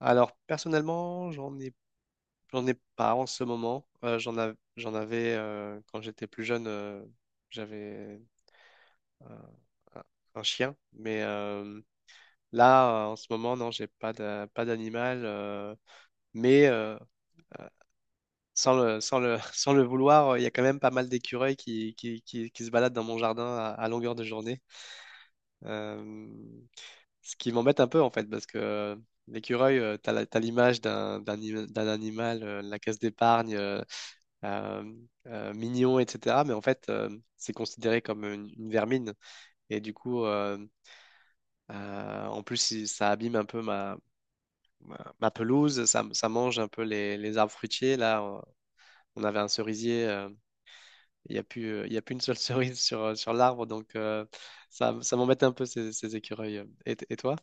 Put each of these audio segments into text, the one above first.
Alors, personnellement, j'en ai pas en ce moment. J'en avais quand j'étais plus jeune, j'avais un, un- un chien. Mais là, en ce moment, non, j'ai pas d'animal. Mais euh, euh, sans le, sans le, sans le vouloir, il y a quand même pas mal d'écureuils qui se baladent dans mon jardin à longueur de journée. Euh, Ce qui m'embête un peu en fait, parce que l'écureuil, t'as l'image d'un animal, la caisse d'épargne, euh, mignon, etc. Mais en fait, c'est considéré comme une vermine. Et du coup, en plus, ça abîme un peu ma pelouse, ça mange un peu les arbres fruitiers. Là, on avait un cerisier, il n'y a plus, il y a plus une seule cerise sur l'arbre, donc ça m'embête un peu ces écureuils. Et toi?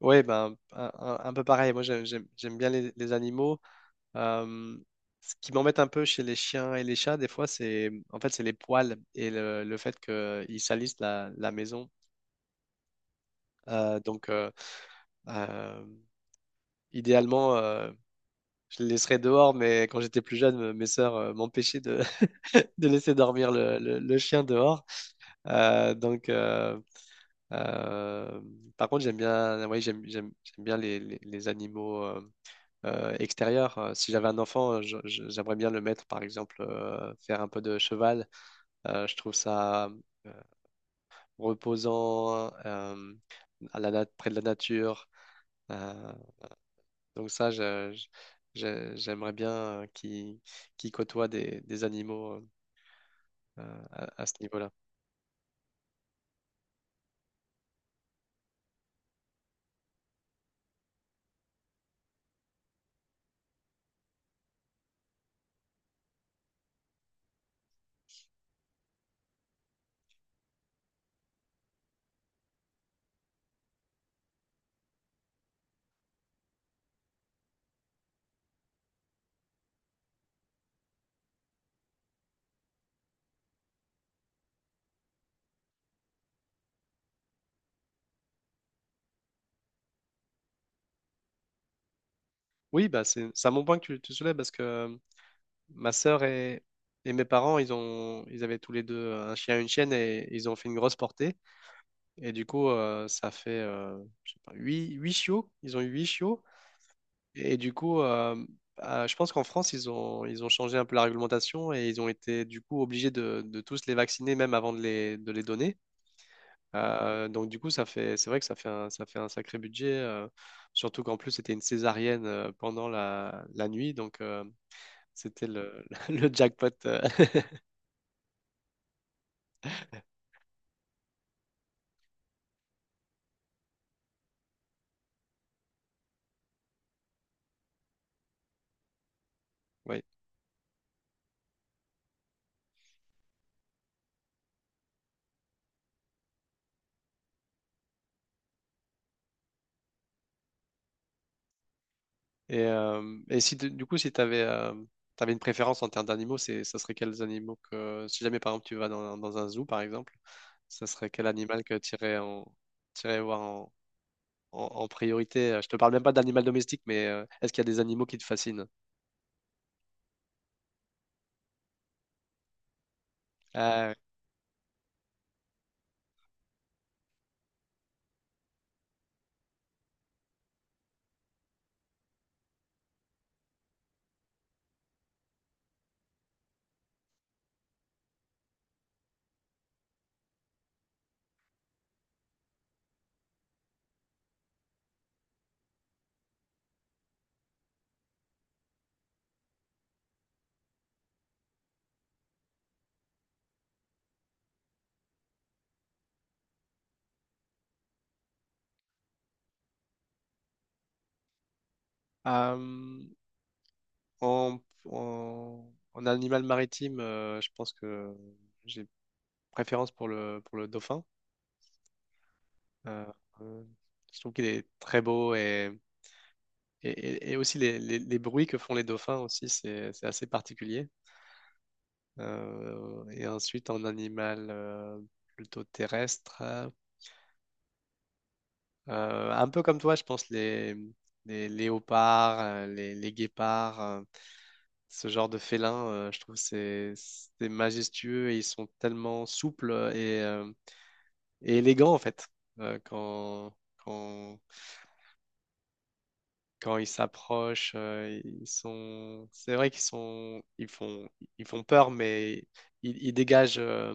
Oui, ben, un peu pareil. Moi, j'aime bien les animaux. Euh, ce qui m'embête un peu chez les chiens et les chats, des fois, c'est en fait, c'est les poils et le fait qu'ils salissent la maison. Euh, donc, euh, euh, idéalement, je les laisserais dehors, mais quand j'étais plus jeune, mes sœurs m'empêchaient de laisser dormir le chien dehors. Euh, donc, euh, euh, par contre, j'aime bien, ouais, j'aime bien les animaux. Extérieur. Si j'avais un enfant, j'aimerais bien le mettre, par exemple, faire un peu de cheval. Je trouve ça euh, reposant, à près de la nature. Euh, donc ça, j'aimerais bien euh, qu'il qu'il côtoie des animaux euh, à ce niveau-là. Oui, bah c'est un bon point que tu soulèves parce que ma sœur et, et mes parents, ils avaient tous les deux un chien et une chienne et ils ont fait une grosse portée. Et du coup, ça fait, je sais pas, huit huit chiots. Ils ont eu 8 chiots. Et du coup, je pense qu'en France, ils ont changé un peu la réglementation et ils ont été du coup obligés de tous les vacciner même avant de de les donner. Donc du coup, c'est vrai que ça fait un sacré budget. Surtout qu'en plus, c'était une césarienne pendant la nuit. Donc c'était le jackpot. Ouais. Et si du coup, si tu avais, une préférence en termes d'animaux, c'est, ça serait quels animaux que, si jamais par exemple tu vas dans un zoo par exemple, ça serait quel animal que tu irais, en, t'irais voir en, en priorité? Je te parle même pas d'animal domestique, mais est-ce qu'il y a des animaux qui te fascinent? Euh, euh, en, en animal maritime, je pense que j'ai préférence pour pour le dauphin. Euh, euh, je trouve qu'il est très beau et et aussi les bruits que font les dauphins aussi, c'est assez particulier. Et ensuite, en animal plutôt terrestre, un peu comme toi, je pense, les léopards, les guépards, ce genre de félins, je trouve c'est majestueux et ils sont tellement souples et élégants en fait. Euh, quand, quand, quand ils s'approchent, ils sont, c'est vrai qu'ils sont, ils font peur, mais ils dégagent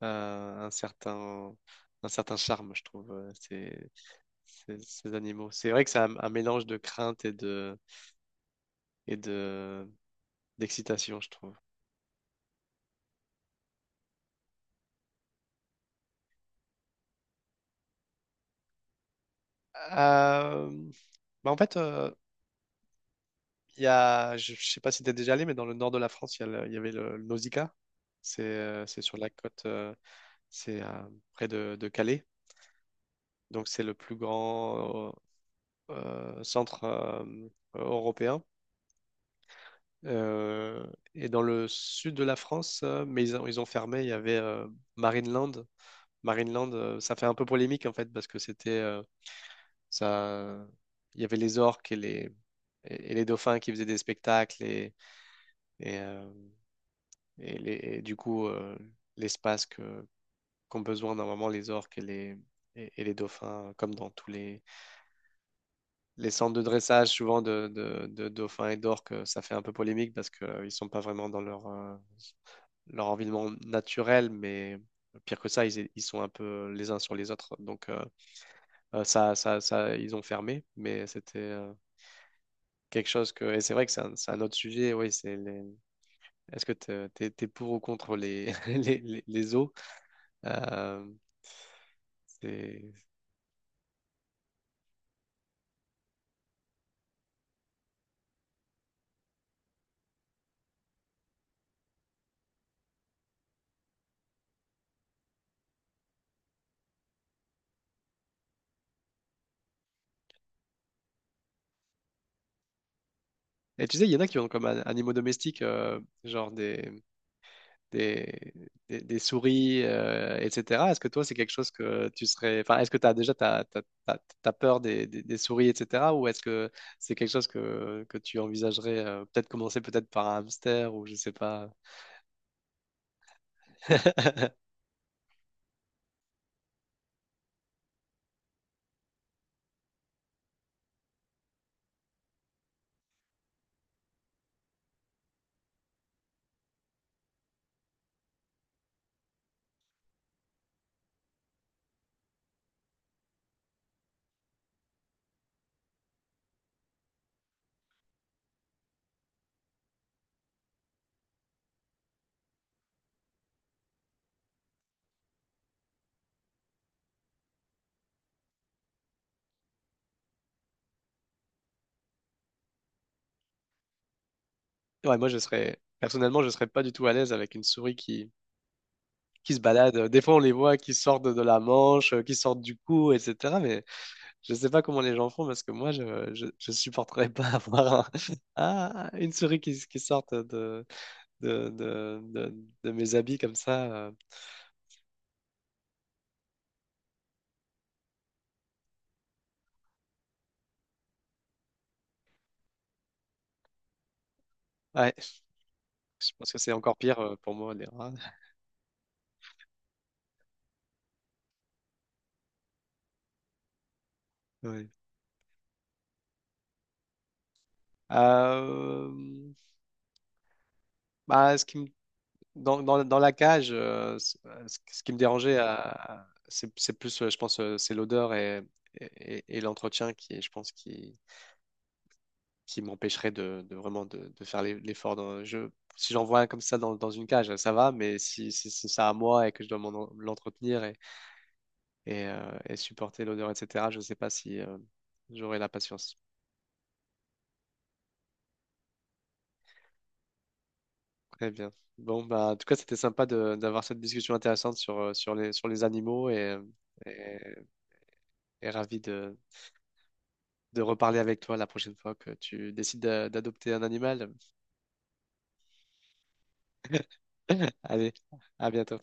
un un certain, un certain charme, je trouve, ces animaux. C'est vrai que c'est un mélange de crainte et de, d'excitation, je trouve. Euh, bah en fait, il y a, je sais pas si tu es déjà allé, mais dans le nord de la France, il y, a il y avait le Nausicaa. C'est sur la côte, c'est près de Calais. Donc, c'est le plus grand centre européen. Euh, et dans le sud de la France, mais ils ont fermé, il y avait Marineland. Marineland, ça fait un peu polémique en fait, parce que c'était ça. Il y avait les orques et et les dauphins qui faisaient des spectacles, et, euh, et et du coup, l'espace qu'ont besoin normalement les orques et et les dauphins, comme dans tous les centres de dressage, souvent de dauphins et d'orques, ça fait un peu polémique parce qu'ils ne sont pas vraiment dans leur, leur environnement naturel, mais pire que ça, ils sont un peu les uns sur les autres. Donc, ça, ils ont fermé, mais c'était quelque chose que. Et c'est vrai que c'est c'est un autre sujet. Oui, c'est les... Est-ce que tu es, pour ou contre les, les zoos? Euh, c'est- Et tu sais, il y en a qui ont comme animaux domestiques, genre des, des souris, etc. Est-ce que toi, c'est quelque chose que tu serais... Enfin, est-ce que tu as déjà t'as peur des souris, etc. Ou est-ce que c'est quelque chose que tu envisagerais peut-être commencer peut-être par un hamster ou je sais pas. Ouais, moi, je serais... Personnellement, je serais pas du tout à l'aise avec une souris qui se balade. Des fois, on les voit qui sortent de la manche, qui sortent du cou, etc. Mais je sais pas comment les gens font parce que moi, je supporterais pas avoir une souris qui sorte de, de, de- de mes habits comme ça. Ouais, je pense que c'est encore pire pour moi, les rats. Ouais. Euh, bah, dans la cage, ce qui me dérangeait, c'est plus, je pense, c'est l'odeur et l'entretien je pense, qui m'empêcherait de vraiment de faire l'effort. Je, si j'en vois un comme ça dans une cage, ça va, mais si c'est ça à moi et que je dois l'entretenir et supporter l'odeur, etc. Je ne sais pas si j'aurai la patience. Très bien. Bon, bah, en tout cas, c'était sympa d'avoir cette discussion intéressante sur, sur les animaux et, et ravi de reparler avec toi la prochaine fois que tu décides d'adopter un animal. Allez, à bientôt.